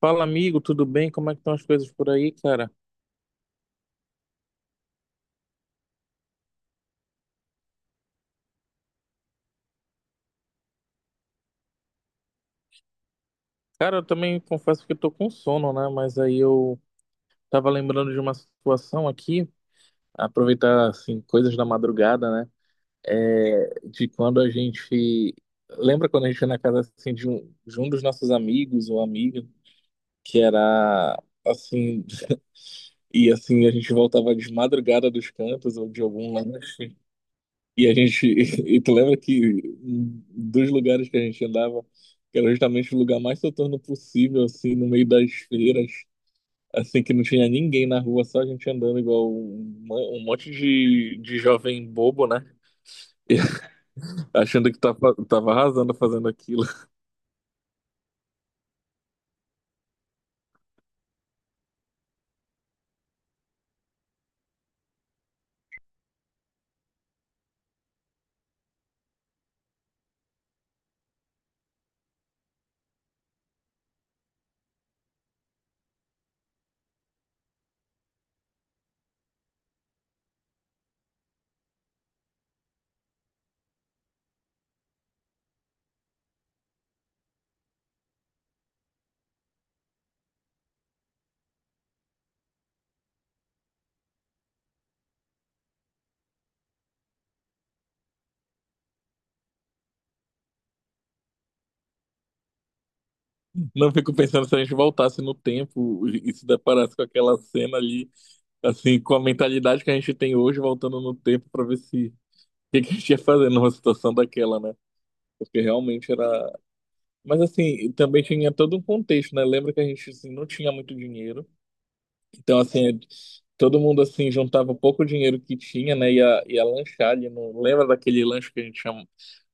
Fala, amigo, tudo bem? Como é que estão as coisas por aí, cara? Cara, eu também confesso que eu tô com sono, né? Mas aí eu tava lembrando de uma situação aqui, aproveitar, assim, coisas da madrugada, né? É, de quando a gente... Lembra quando a gente ia na casa, assim, de um dos nossos amigos ou amiga, que era, assim... E, assim, a gente voltava de madrugada dos cantos ou de algum lugar. E a gente, e tu lembra que um dos lugares que a gente andava, que era justamente o lugar mais soturno possível, assim, no meio das feiras, assim, que não tinha ninguém na rua, só a gente andando igual um, um monte de jovem bobo, né? achando que tava arrasando fazendo aquilo. Não fico pensando se a gente voltasse no tempo e se deparasse com aquela cena ali, assim, com a mentalidade que a gente tem hoje, voltando no tempo para ver se o que a gente ia fazer numa situação daquela, né? Porque realmente era. Mas assim, também tinha todo um contexto, né? Lembra que a gente assim, não tinha muito dinheiro. Então, assim, é, todo mundo assim juntava o pouco dinheiro que tinha, né? Ia lanchar ali. Não lembra daquele lanche que a gente chama,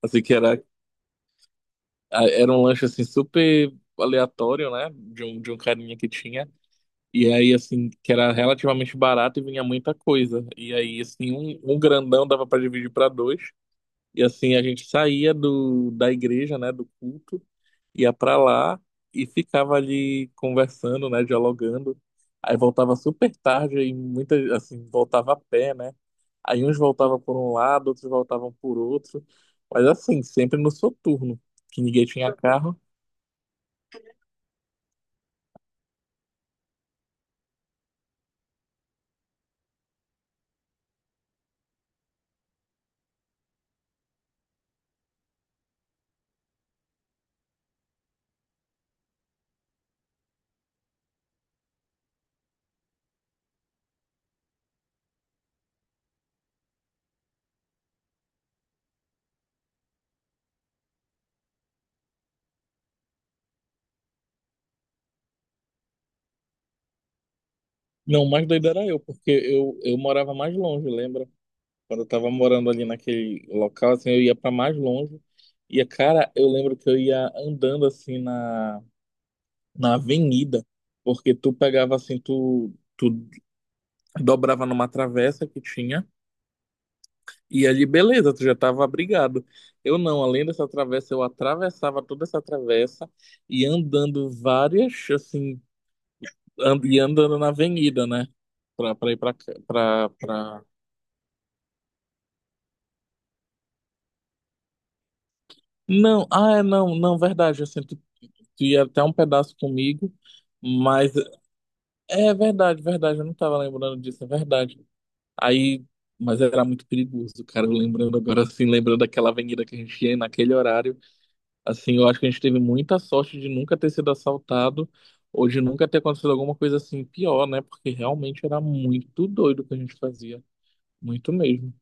assim, que era, era um lanche assim super aleatório, né? De um carinha que tinha. E aí, assim, que era relativamente barato e vinha muita coisa. E aí, assim, um grandão dava para dividir para dois. E assim, a gente saía do, da igreja, né, do culto, ia pra lá e ficava ali conversando, né, dialogando. Aí voltava super tarde e muita, assim, voltava a pé, né? Aí uns voltavam por um lado, outros voltavam por outro. Mas assim, sempre no soturno, que ninguém tinha carro. Não, o mais doido era eu, porque eu morava mais longe, lembra? Quando eu tava morando ali naquele local, assim, eu ia pra mais longe. E, cara, eu lembro que eu ia andando assim na avenida, porque tu pegava assim, tu dobrava numa travessa que tinha, e ali beleza, tu já tava abrigado. Eu não, além dessa travessa, eu atravessava toda essa travessa e andando várias, assim, e andando na avenida, né? Pra ir pra, pra... Não, ah, é, não, não, verdade, assim, tu, tu ia até um pedaço comigo, mas é verdade, verdade, eu não tava lembrando disso, é verdade. Aí, mas era muito perigoso, cara. Eu lembrando agora, assim, lembrando daquela avenida que a gente ia naquele horário, assim, eu acho que a gente teve muita sorte de nunca ter sido assaltado ou de nunca ter acontecido alguma coisa assim pior, né? Porque realmente era muito doido o que a gente fazia, muito mesmo.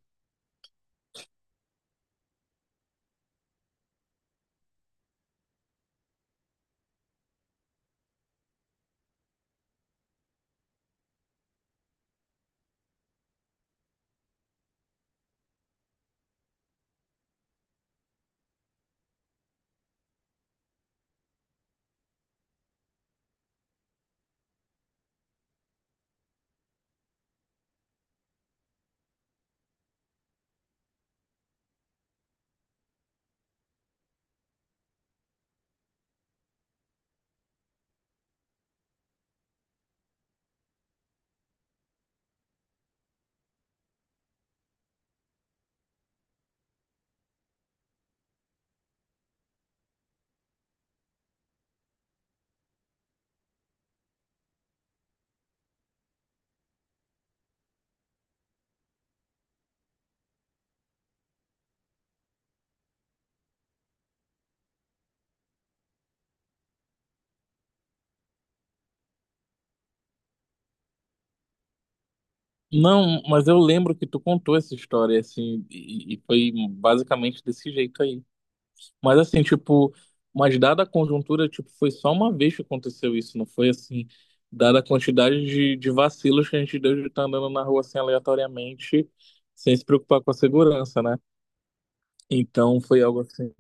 Não, mas eu lembro que tu contou essa história, assim, e foi basicamente desse jeito aí. Mas assim, tipo, mas dada a conjuntura, tipo, foi só uma vez que aconteceu isso, não foi assim, dada a quantidade de vacilos que a gente deu de estar andando na rua assim aleatoriamente, sem se preocupar com a segurança, né? Então foi algo assim.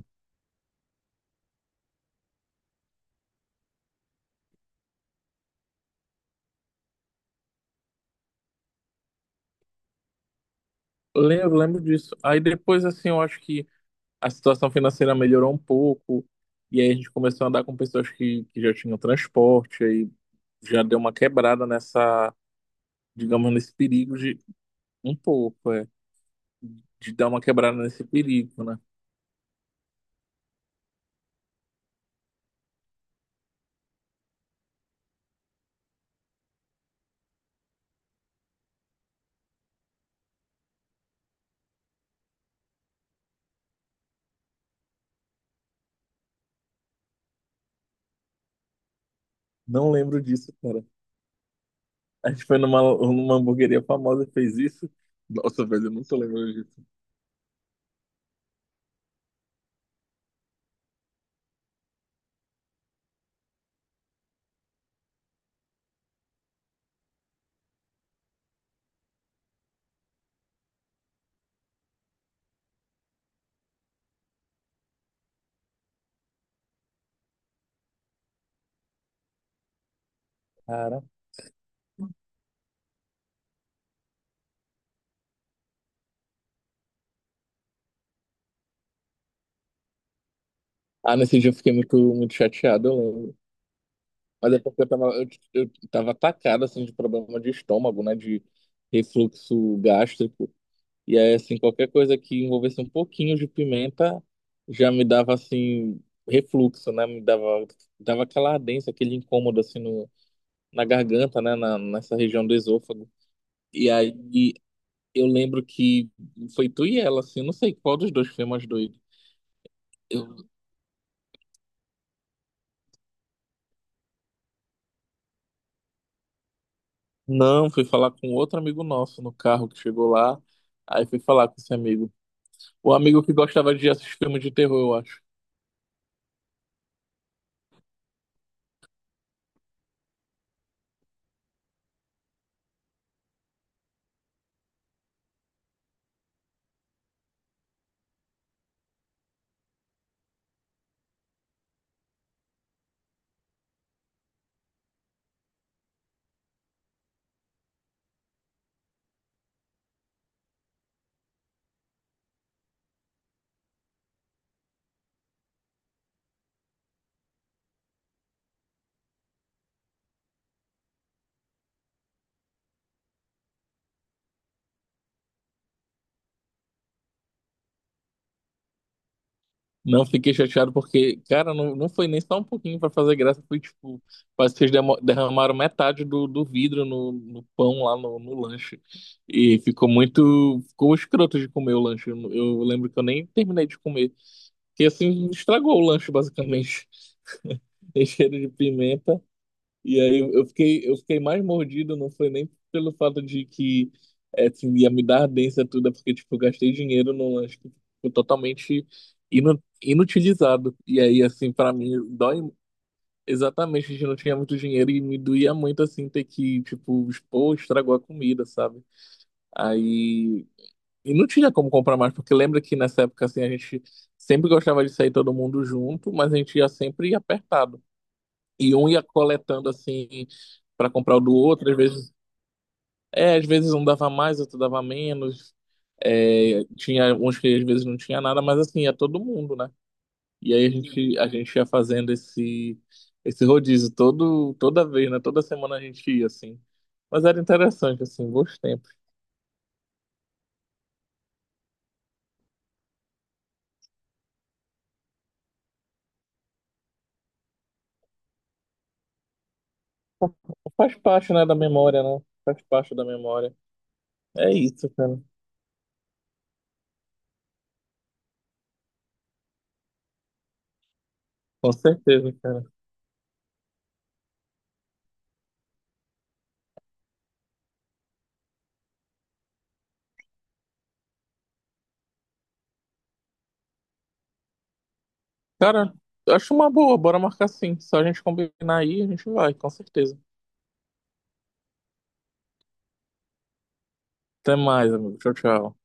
Lembro, lembro disso. Aí depois, assim, eu acho que a situação financeira melhorou um pouco, e aí a gente começou a andar com pessoas que já tinham transporte, aí já deu uma quebrada nessa, digamos, nesse perigo de um pouco, é, de dar uma quebrada nesse perigo, né? Não lembro disso, cara. A gente foi numa, numa hamburgueria famosa e fez isso. Nossa, velho, eu não tô lembrando disso. Cara. Ah, nesse dia eu fiquei muito, muito chateado, eu lembro. Mas é porque eu tava atacado, assim, de problema de estômago, né? De refluxo gástrico. E aí, assim, qualquer coisa que envolvesse um pouquinho de pimenta já me dava, assim, refluxo, né? Me dava, dava aquela ardência, aquele incômodo, assim, no, na garganta, né? Na, nessa região do esôfago. E aí. Eu lembro que foi tu e ela, assim, eu não sei qual dos dois foi mais doido. Eu não fui falar com outro amigo nosso no carro que chegou lá, aí fui falar com esse amigo. O amigo que gostava de assistir filme de terror, eu acho. Não fiquei chateado porque, cara, não, não foi nem só um pouquinho pra fazer graça, foi tipo, parece que vocês derramaram metade do, do vidro no, no pão lá no, no lanche. E ficou muito, ficou escroto de comer o lanche. Eu lembro que eu nem terminei de comer, porque assim estragou o lanche basicamente. Tem cheiro de pimenta. E aí eu fiquei, eu fiquei mais mordido, não foi nem pelo fato de que é, assim, ia me dar ardência tudo, é porque tipo, eu gastei dinheiro num lanche que ficou totalmente inutilizado. E aí, assim, pra mim, dói exatamente, a gente não tinha muito dinheiro e me doía muito, assim, ter que, tipo, expor, estragou a comida, sabe? Aí. E não tinha como comprar mais, porque lembra que nessa época, assim, a gente sempre gostava de sair todo mundo junto, mas a gente ia sempre apertado. E um ia coletando assim para comprar o do outro, às vezes, é, às vezes um dava mais, outro dava menos. É, tinha uns que às vezes não tinha nada, mas assim, ia todo mundo, né? E aí a gente ia fazendo esse esse rodízio todo toda vez, né? Toda semana a gente ia assim. Mas era interessante assim, bons tempos. Faz parte, né, da memória, né? Faz parte da memória. É isso, cara. Com certeza, cara. Cara, eu acho uma boa, bora marcar sim. Só a gente combinar aí, a gente vai, com certeza. Até mais, amigo. Tchau, tchau.